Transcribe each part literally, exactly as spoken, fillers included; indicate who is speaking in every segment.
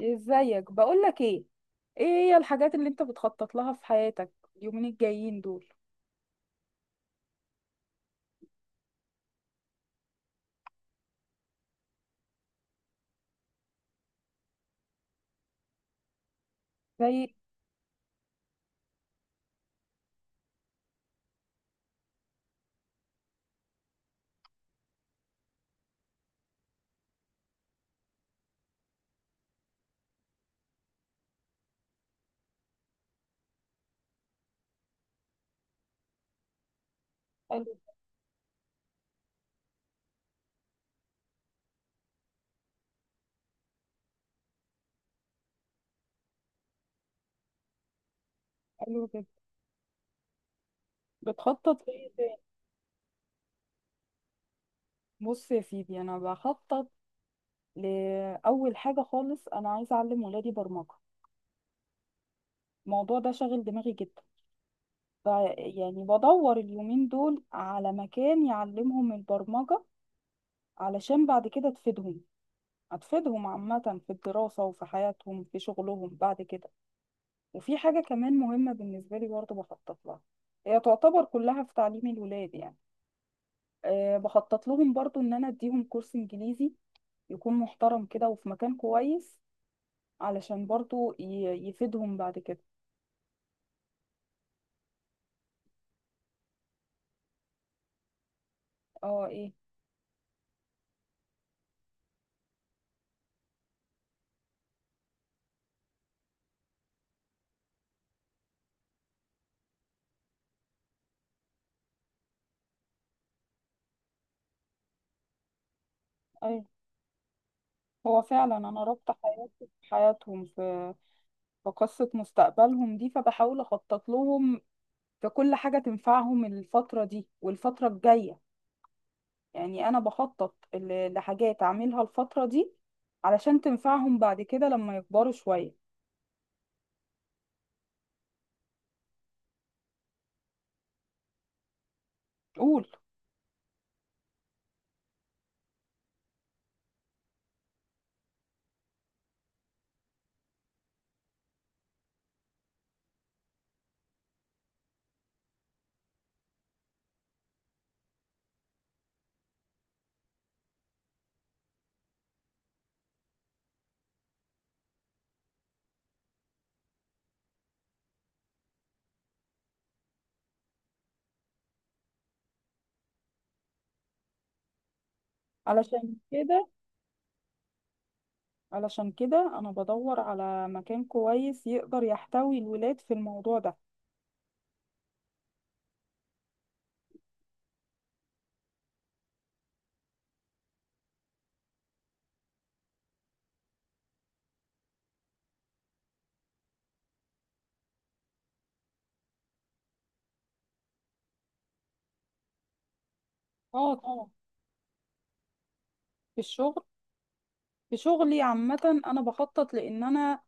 Speaker 1: ازيك؟ بقولك ايه ايه هي الحاجات اللي انت بتخطط لها في حياتك اليومين الجايين دول؟ زي؟ حلو. حلو جدا. بتخطط ايه تاني؟ بص يا سيدي، انا بخطط لاول حاجه خالص، انا عايزه اعلم ولادي برمجه، الموضوع ده شاغل دماغي جدا، ف- يعني بدور اليومين دول على مكان يعلمهم البرمجه، علشان بعد كده تفيدهم، هتفيدهم عامه في الدراسه وفي حياتهم في شغلهم بعد كده. وفي حاجة كمان مهمة بالنسبة لي برضه بخطط لها، هي تعتبر كلها في تعليم الولاد يعني. أه، بخطط لهم برضه إن أنا أديهم كورس إنجليزي يكون محترم كده وفي مكان كويس، علشان برضه ي- يفيدهم بعد كده. اه، ايه؟ ايوه، هو فعلا أنا رابطة حياتي بحياتهم في في قصة مستقبلهم دي، فبحاول أخطط لهم في كل حاجة تنفعهم الفترة دي والفترة الجاية. يعني انا بخطط ل- لحاجات اعملها الفترة دي علشان تنفعهم بعد كده لما يكبروا شوية. قول. علشان كده علشان كده انا بدور على مكان كويس يقدر يحتوي الولاد في الموضوع ده. اه طبعا. في الشغل. في شغلي عامة انا بخطط لان انا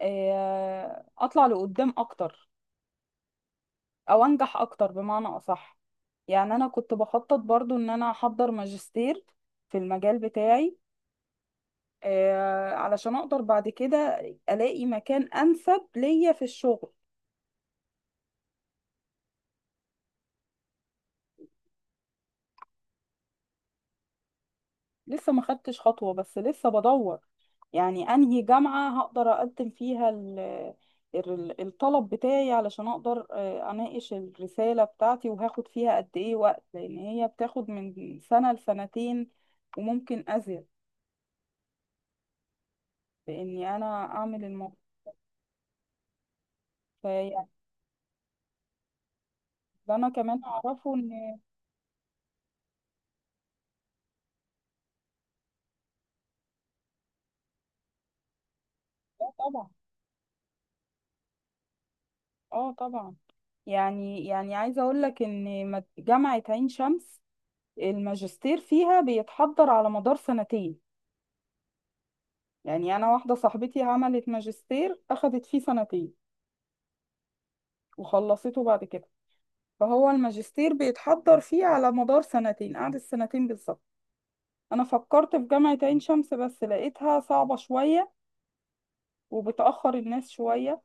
Speaker 1: آه، اطلع لقدام اكتر، او انجح اكتر بمعنى اصح. يعني انا كنت بخطط برضو ان انا احضر ماجستير في المجال بتاعي، آه، علشان اقدر بعد كده الاقي مكان انسب ليا في الشغل. لسه ما خدتش خطوة، بس لسه بدور يعني انهي جامعة هقدر اقدم فيها ال- ال- الطلب بتاعي، علشان اقدر آه، اناقش الرسالة بتاعتي وهاخد فيها قد ايه وقت، لان هي بتاخد من سنة لسنتين وممكن ازيد، باني انا اعمل الموضوع. فيعني، ده انا كمان اعرفه ان. اه طبعا. اه طبعا. يعني يعني عايزة اقول لك ان مد- جامعة عين شمس الماجستير فيها بيتحضر على مدار سنتين، يعني انا واحدة صاحبتي عملت ماجستير اخدت فيه سنتين وخلصته بعد كده، فهو الماجستير بيتحضر فيه على مدار سنتين، قعدت سنتين بالظبط. انا فكرت في جامعة عين شمس بس لقيتها صعبة شوية وبتأخر الناس شوية،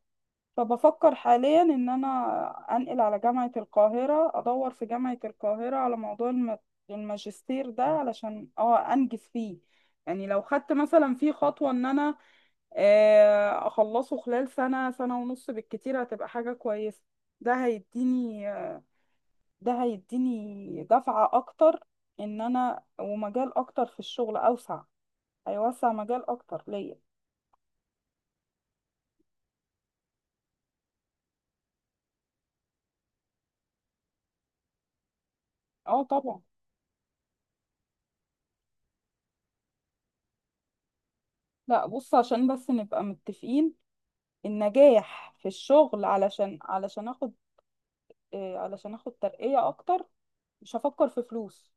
Speaker 1: فبفكر حاليا ان انا انقل على جامعة القاهرة، ادور في جامعة القاهرة على موضوع الم- الماجستير ده علشان اه انجز فيه. يعني لو خدت مثلا فيه خطوة ان انا آه، اخلصه خلال سنة سنة ونص بالكتير هتبقى حاجة كويسة. ده هيديني آه، ده هيديني دفعة اكتر، ان انا ومجال اكتر في الشغل اوسع، هيوسع مجال اكتر ليا. اه طبعا. لا بص، عشان بس نبقى متفقين، النجاح في الشغل علشان علشان اخد آه، علشان اخد ترقية اكتر، مش هفكر في فلوس،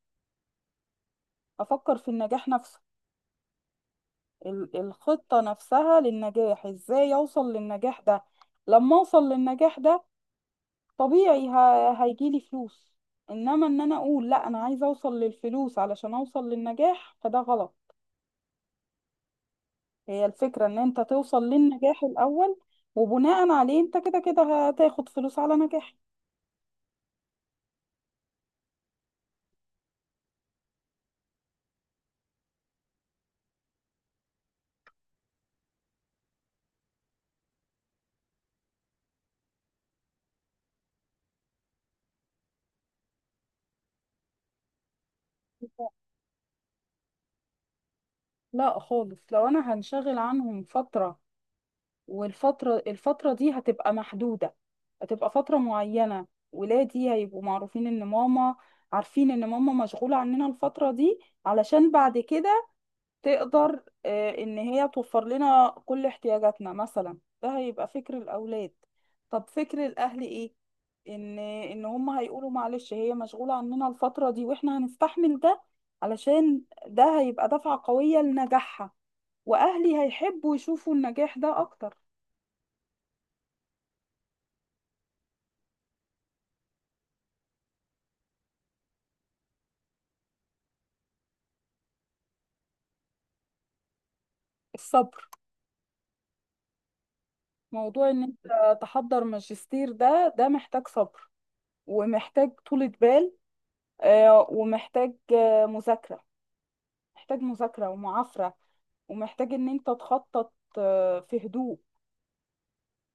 Speaker 1: هفكر في النجاح نفسه. ال- الخطة نفسها للنجاح، ازاي اوصل للنجاح ده؟ لما اوصل للنجاح ده طبيعي ه- هيجيلي فلوس، انما ان انا اقول لا انا عايزة اوصل للفلوس علشان اوصل للنجاح فده غلط، هي الفكرة ان انت توصل للنجاح الاول، وبناء عليه انت كده كده هتاخد فلوس على نجاحك. لا خالص، لو انا هنشغل عنهم فترة والفترة الفترة دي هتبقى محدودة، هتبقى فترة معينة، ولادي هيبقوا معروفين ان ماما، عارفين ان ماما مشغولة عننا الفترة دي، علشان بعد كده تقدر آه، ان هي توفر لنا كل احتياجاتنا مثلا، ده هيبقى فكر الاولاد. طب فكر الاهل ايه؟ ان ان هم هيقولوا معلش هي مشغولة عننا الفترة دي، واحنا هنستحمل ده علشان ده هيبقى دفعة قوية لنجاحها، واهلي هيحبوا يشوفوا النجاح ده اكتر. الصبر. موضوع ان انت تحضر ماجستير ده ده محتاج صبر، ومحتاج طولة بال، آه، ومحتاج آه، مذاكرة، محتاج مذاكرة ومعافرة، ومحتاج ان انت تخطط آه، في هدوء،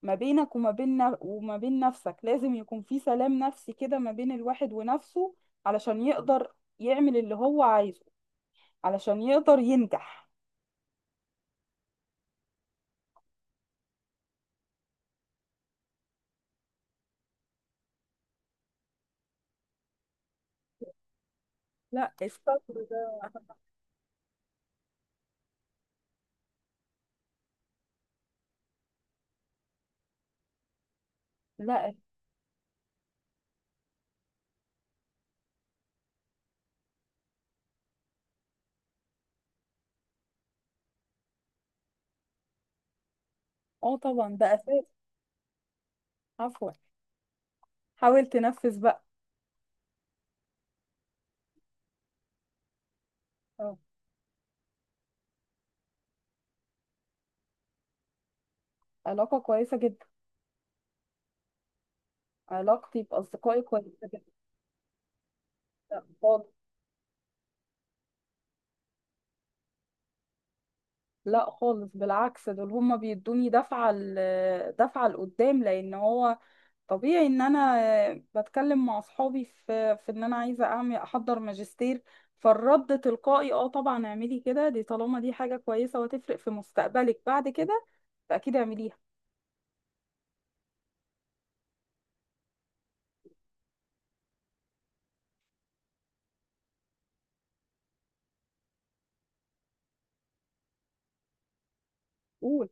Speaker 1: ما بينك وما بين ن- وما بين نفسك، لازم يكون في سلام نفسي كده ما بين الواحد ونفسه، علشان يقدر يعمل اللي هو عايزه، علشان يقدر ينجح. لا. الصبر. ده. لا. اه طبعا ده اساس. عفوا. حاول تنفذ بقى. اه. علاقة كويسة جدا. علاقتي بأصدقائي كويسة جدا. لا خالص. لا خالص، بالعكس دول هما بيدوني دفعة ل- دفعة لقدام، لأن هو طبيعي إن أنا بتكلم مع أصحابي في في إن أنا عايزة أعمل أحضر ماجستير، فالرد تلقائي اه طبعا اعملي كده، دي طالما دي حاجة كويسة وهتفرق في مستقبلك بعد كده فأكيد اعمليها. قول.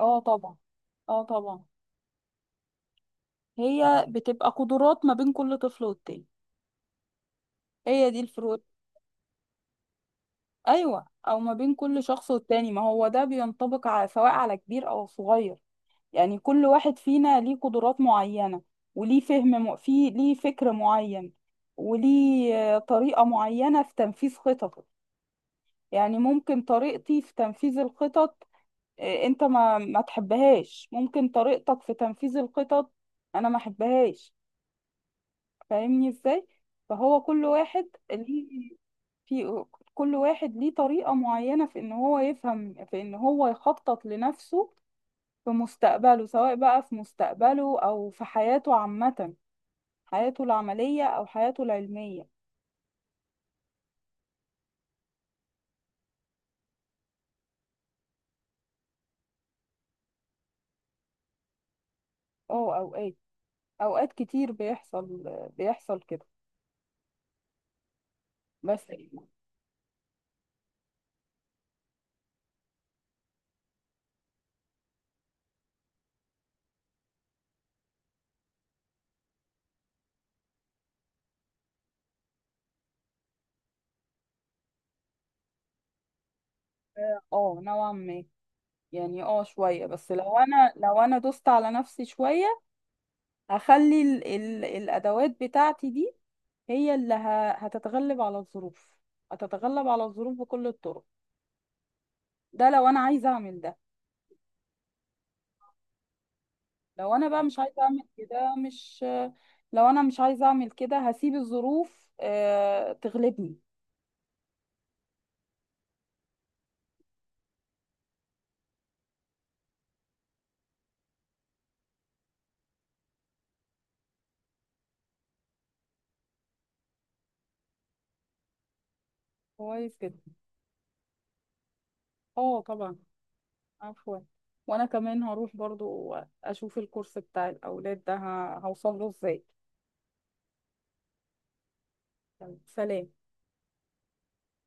Speaker 1: اه طبعا. اه طبعا. هي بتبقى قدرات ما بين كل طفل والتاني، هي دي الفروق. ايوه، او ما بين كل شخص والتاني، ما هو ده بينطبق على سواء على كبير او صغير، يعني كل واحد فينا ليه قدرات معينة، وليه فهم م... في ليه فكر معين، وليه آه، طريقة معينة في تنفيذ خططه. يعني ممكن طريقتي في تنفيذ الخطط آه، انت ما ما تحبهاش، ممكن طريقتك في تنفيذ الخطط انا ما احبهاش، فاهمني ازاي؟ فهو كل واحد ليه في كل واحد ليه طريقة معينة في ان هو يفهم، في ان هو يخطط لنفسه في مستقبله، سواء بقى في مستقبله او في حياته عامة، حياته العملية او حياته العلمية. اه، اوقات اوقات كتير بيحصل بيحصل كده، بس. اه آه، نوعا ما، يعني اه شوية، بس لو انا لو انا دوست على نفسي شوية، هخلي ال ال الادوات بتاعتي دي هي اللي ه- هتتغلب على الظروف، هتتغلب على الظروف بكل الطرق، ده لو انا عايزه اعمل ده. لو انا بقى مش عايزه اعمل كده مش. لو انا مش عايزه اعمل كده هسيب الظروف آه تغلبني. كويس جدا. اه طبعا. عفوا. وانا كمان هروح برضو اشوف الكورس بتاع الاولاد ده ه- هوصل له ازاي. سلام.